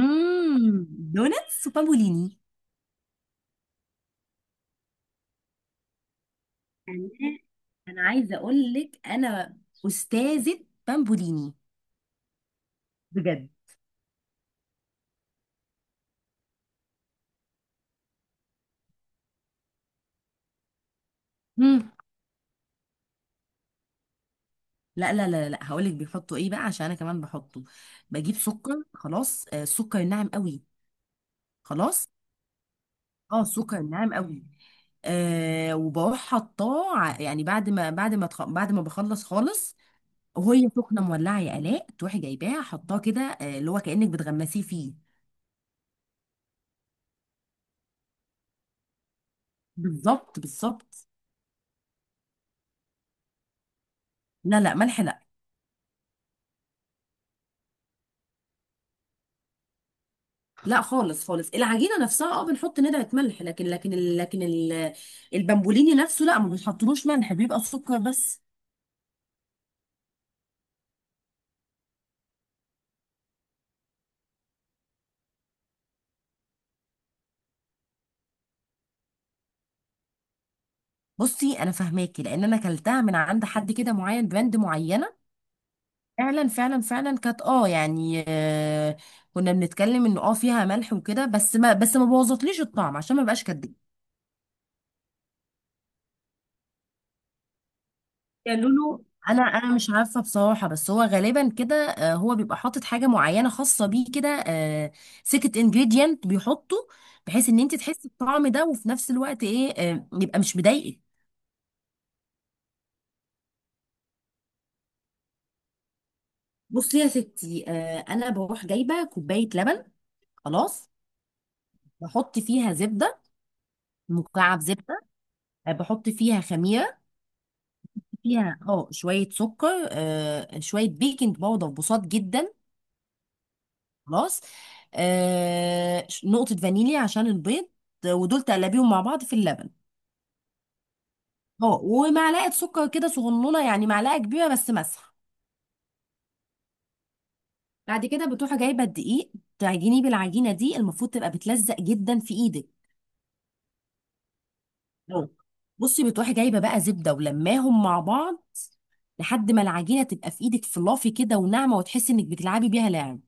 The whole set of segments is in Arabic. دوناتس وبامبوليني. انا انا عايزه اقول لك انا استاذه بامبوليني بجد. امم لا لا لا لا، هقول لك بيحطوا ايه بقى عشان انا كمان بحطه. بجيب سكر خلاص. السكر الناعم قوي. خلاص، اه السكر الناعم قوي. وبروح حطاه يعني بعد ما بخلص خالص وهي سخنه مولعه يا الاء، تروحي جايباها حطاه كده، اللي هو كانك بتغمسيه فيه. بالظبط بالظبط. لا لا، ملح لا. لا خالص خالص، العجينه نفسها بنحط ندعه ملح، لكن البامبوليني نفسه لا، ما بيحطلوش ملح، بيبقى سكر بس. بصي، انا فاهماكي لان انا كلتها من عند حد كده معين، براند معينه. فعلا فعلا فعلا كانت يعني كنا بنتكلم انه فيها ملح وكده، بس ما بوظتليش الطعم عشان ما بقاش كداب. قالوا له، انا مش عارفه بصراحه، بس هو غالبا كده، هو بيبقى حاطط حاجه معينه خاصه بيه كده، سيكت انجريدينت بيحطه بحيث ان انت تحسي بالطعم ده، وفي نفس الوقت ايه، يبقى مش مضايقك. بصي يا ستي، انا بروح جايبه كوبايه لبن. خلاص، بحط فيها زبده، مكعب زبده. بحط فيها خميره، فيها شويه سكر، شويه بيكنج باودر بسيط جدا. خلاص. نقطة فانيليا عشان البيض، ودول تقلبيهم مع بعض في اللبن. اه ومعلقة سكر كده صغنونة، يعني معلقة كبيرة بس مسحة. بعد كده بتروحي جايبة الدقيق، تعجنيه بالعجينة دي، المفروض تبقى بتلزق جدا في ايدك. أه. بصي، بتروحي جايبة بقى زبدة ولماهم مع بعض لحد ما العجينة تبقى في ايدك فلافي كده وناعمة، وتحسي انك بتلعبي بيها لعب.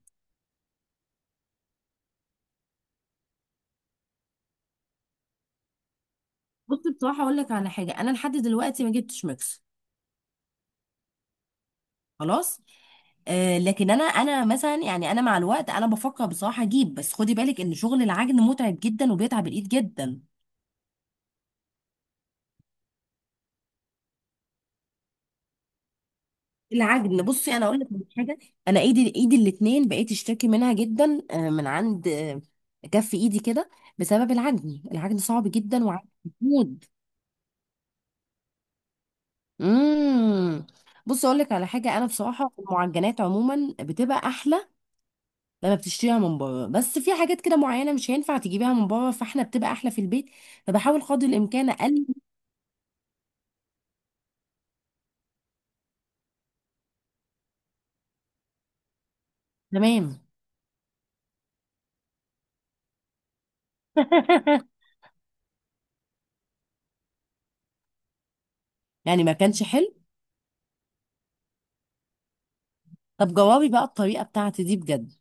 بصي بصراحة اقول لك على حاجة، انا لحد دلوقتي ما جبتش ميكس. خلاص. لكن انا مثلا يعني انا مع الوقت انا بفكر بصراحه اجيب، بس خدي بالك ان شغل العجن متعب جدا وبيتعب الايد جدا. العجن، بصي انا اقول لك على حاجه. انا ايدي ايدي الاثنين بقيت اشتكي منها جدا، من عند كف ايدي كده بسبب العجن. العجن صعب جدا، وعجن موت. امم بصي اقول لك على حاجه، انا بصراحه المعجنات عموما بتبقى احلى لما بتشتريها من بره، بس في حاجات كده معينه مش هينفع تجيبيها من بره، فاحنا بتبقى احلى في البيت، فبحاول قدر الامكان اقلل. تمام. يعني ما كانش حلو. طب جوابي بقى الطريقه بتاعتي دي بجد.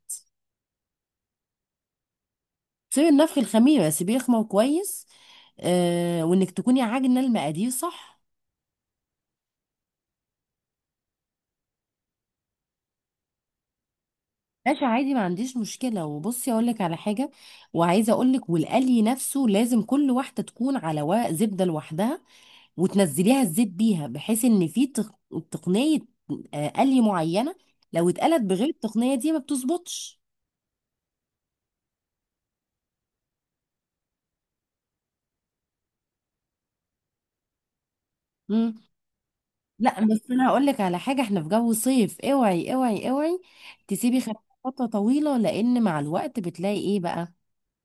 سيبي النفخ، الخميره سيبيه يخمر كويس، وانك تكوني عاجنه المقادير صح. ماشي عادي، ما عنديش مشكله. وبصي اقول لك على حاجه، وعايزه اقول لك، والقلي نفسه لازم كل واحده تكون على ورق زبده لوحدها، وتنزليها الزيت بيها، بحيث ان في تقنيه، قلي معينه. لو اتقلت بغير التقنيه دي ما بتظبطش. لا، بس انا هقول لك على حاجه، احنا في جو صيف، اوعي اوعي اوعي تسيبي خدها فتره طويله، لان مع الوقت بتلاقي ايه بقى،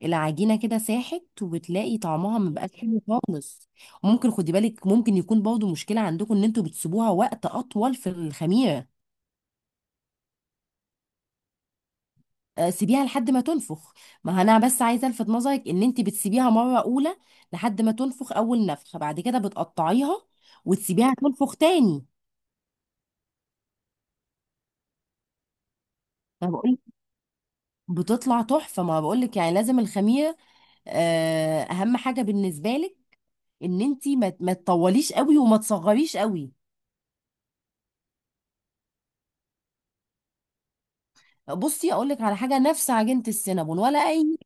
العجينه كده ساحت، وبتلاقي طعمها ما بقاش حلو خالص. وممكن خدي بالك، ممكن يكون برضه مشكله عندكم ان انتوا بتسيبوها وقت اطول في الخميره. سيبيها لحد ما تنفخ. ما انا بس عايزه الفت نظرك، ان انت بتسيبيها مره اولى لحد ما تنفخ اول نفخه، بعد كده بتقطعيها وتسيبيها تنفخ تاني. بتطلع تحفه، ما بقولك يعني لازم الخميره. اهم حاجه بالنسبه لك ان انت ما تطوليش قوي وما تصغريش قوي. بصي اقول لك على حاجه، نفس عجينه السينابون ولا اي.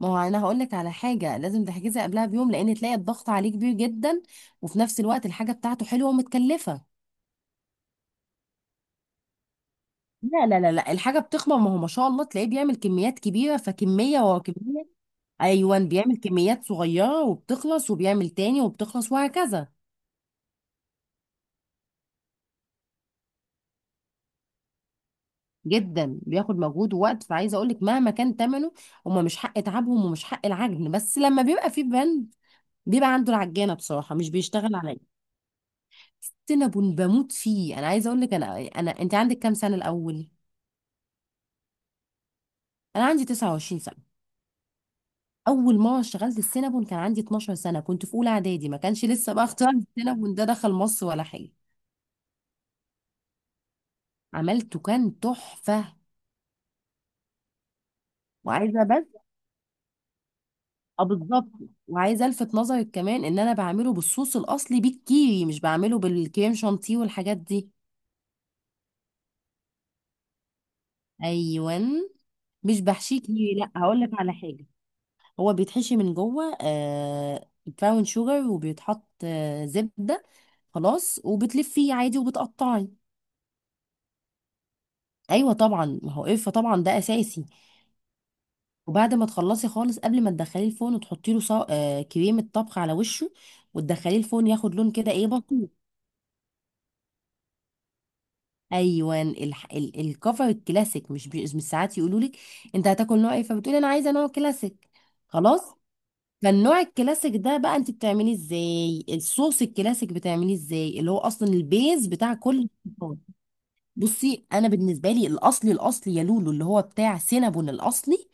ما هو انا هقول لك على حاجه، لازم تحجزي قبلها بيوم، لان تلاقي الضغط عليه كبير جدا، وفي نفس الوقت الحاجه بتاعته حلوه ومتكلفه. لا لا لا لا، الحاجه بتخمر، ما هو ما شاء الله تلاقيه بيعمل كميات كبيره، فكميه ورا كميه. ايوه، بيعمل كميات صغيره وبتخلص، وبيعمل تاني وبتخلص، وهكذا. جدا بياخد مجهود ووقت، فعايزه اقول لك مهما كان ثمنه، هما مش حق تعبهم ومش حق العجن، بس لما بيبقى في بند بيبقى عنده العجانه، بصراحه مش بيشتغل عليا. سينابون بموت فيه. انا عايزه اقول لك، انا انت عندك كام سنه الاول؟ انا عندي 29 سنه. اول مره اشتغلت السينابون كان عندي 12 سنه، كنت في اولى اعدادي، ما كانش لسه بقى اختراع السينابون ده دخل مصر ولا حاجه. عملته كان تحفه. وعايزه اه بالظبط. وعايزه الفت نظرك كمان ان انا بعمله بالصوص الاصلي، بالكيري، مش بعمله بالكريم شانتيه والحاجات دي. ايوه، مش بحشيه كيري، لا، هقول لك على حاجه، هو بيتحشي من جوه براون شوجر، وبيتحط زبده خلاص، وبتلفيه عادي وبتقطعي. ايوه طبعا، ما هو قرفه طبعا ده اساسي. وبعد ما تخلصي خالص، قبل ما تدخليه الفرن، وتحطي له صو... آه كريمه طبخ على وشه، وتدخليه الفرن، ياخد لون كده ايه بسيط. ايوه، الكفر الكلاسيك، مش، ساعات يقولوا لك انت هتاكل نوع ايه، فبتقولي انا عايزه نوع كلاسيك. خلاص. فالنوع الكلاسيك ده بقى انت بتعمليه ازاي، الصوص الكلاسيك بتعمليه ازاي، اللي هو اصلا البيز بتاع كل الصوصات. بصي انا بالنسبه لي الاصلي الاصلي يا لولو، اللي هو بتاع سينابون الاصلي،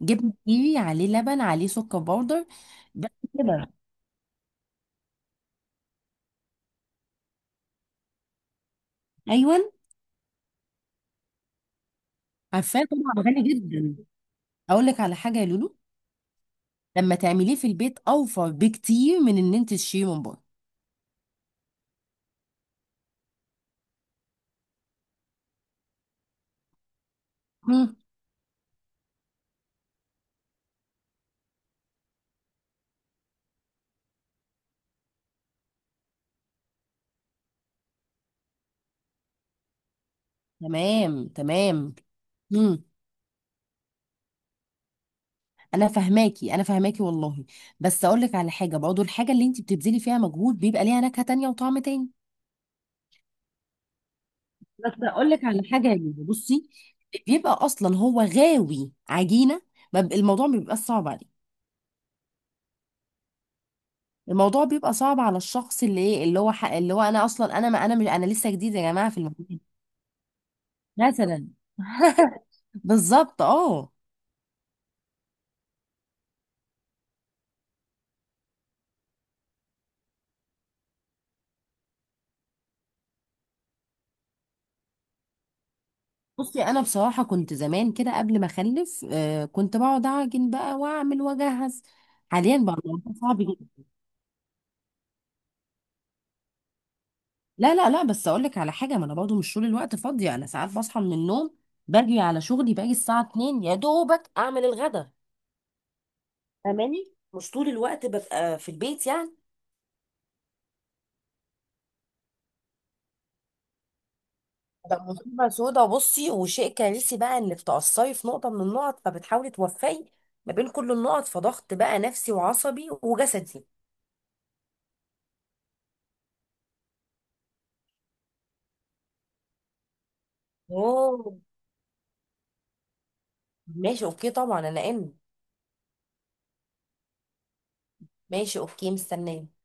جبنه كيري عليه لبن عليه سكر باودر، بس كده. ايوه، عارفاه طبعا، غالي جدا. اقول لك على حاجه يا لولو، لما تعمليه في البيت اوفر بكتير من ان انت تشتريه من بره. مم. تمام تمام. امم انا فاهماكي انا فاهماكي والله، بس اقول لك على حاجه، برضه الحاجه اللي انت بتبذلي فيها مجهود بيبقى ليها نكهه تانية وطعم تاني. بس اقول لك على حاجه يا لولو، بصي. بيبقى اصلا هو غاوي عجينه، ما ب- الموضوع ما بيبقاش صعب عليه. الموضوع بيبقى صعب على الشخص اللي ايه، اللي هو انا اصلا، انا ما انا مش انا لسه جديد يا جماعه في الموضوع، مثلا. بالظبط. اه بصي انا بصراحه كنت زمان كده قبل ما اخلف، كنت بقعد اعجن بقى واعمل واجهز. حاليا بقى الموضوع صعب جدا. لا لا لا، بس اقول لك على حاجه، ما انا برضه مش طول الوقت فاضيه، انا ساعات بصحى من النوم، باجي على شغلي، باجي الساعه 2 يا دوبك اعمل الغدا. فاهماني؟ مش طول الوقت ببقى في البيت يعني. ده مصيبه سودا. بصي وشيء كارثي بقى انك تقصري في نقطه من النقط، فبتحاولي توفقي ما بين كل النقط، فضغط بقى نفسي وعصبي وجسدي. اوه ماشي اوكي طبعا. انا ان ماشي اوكي مستنيه.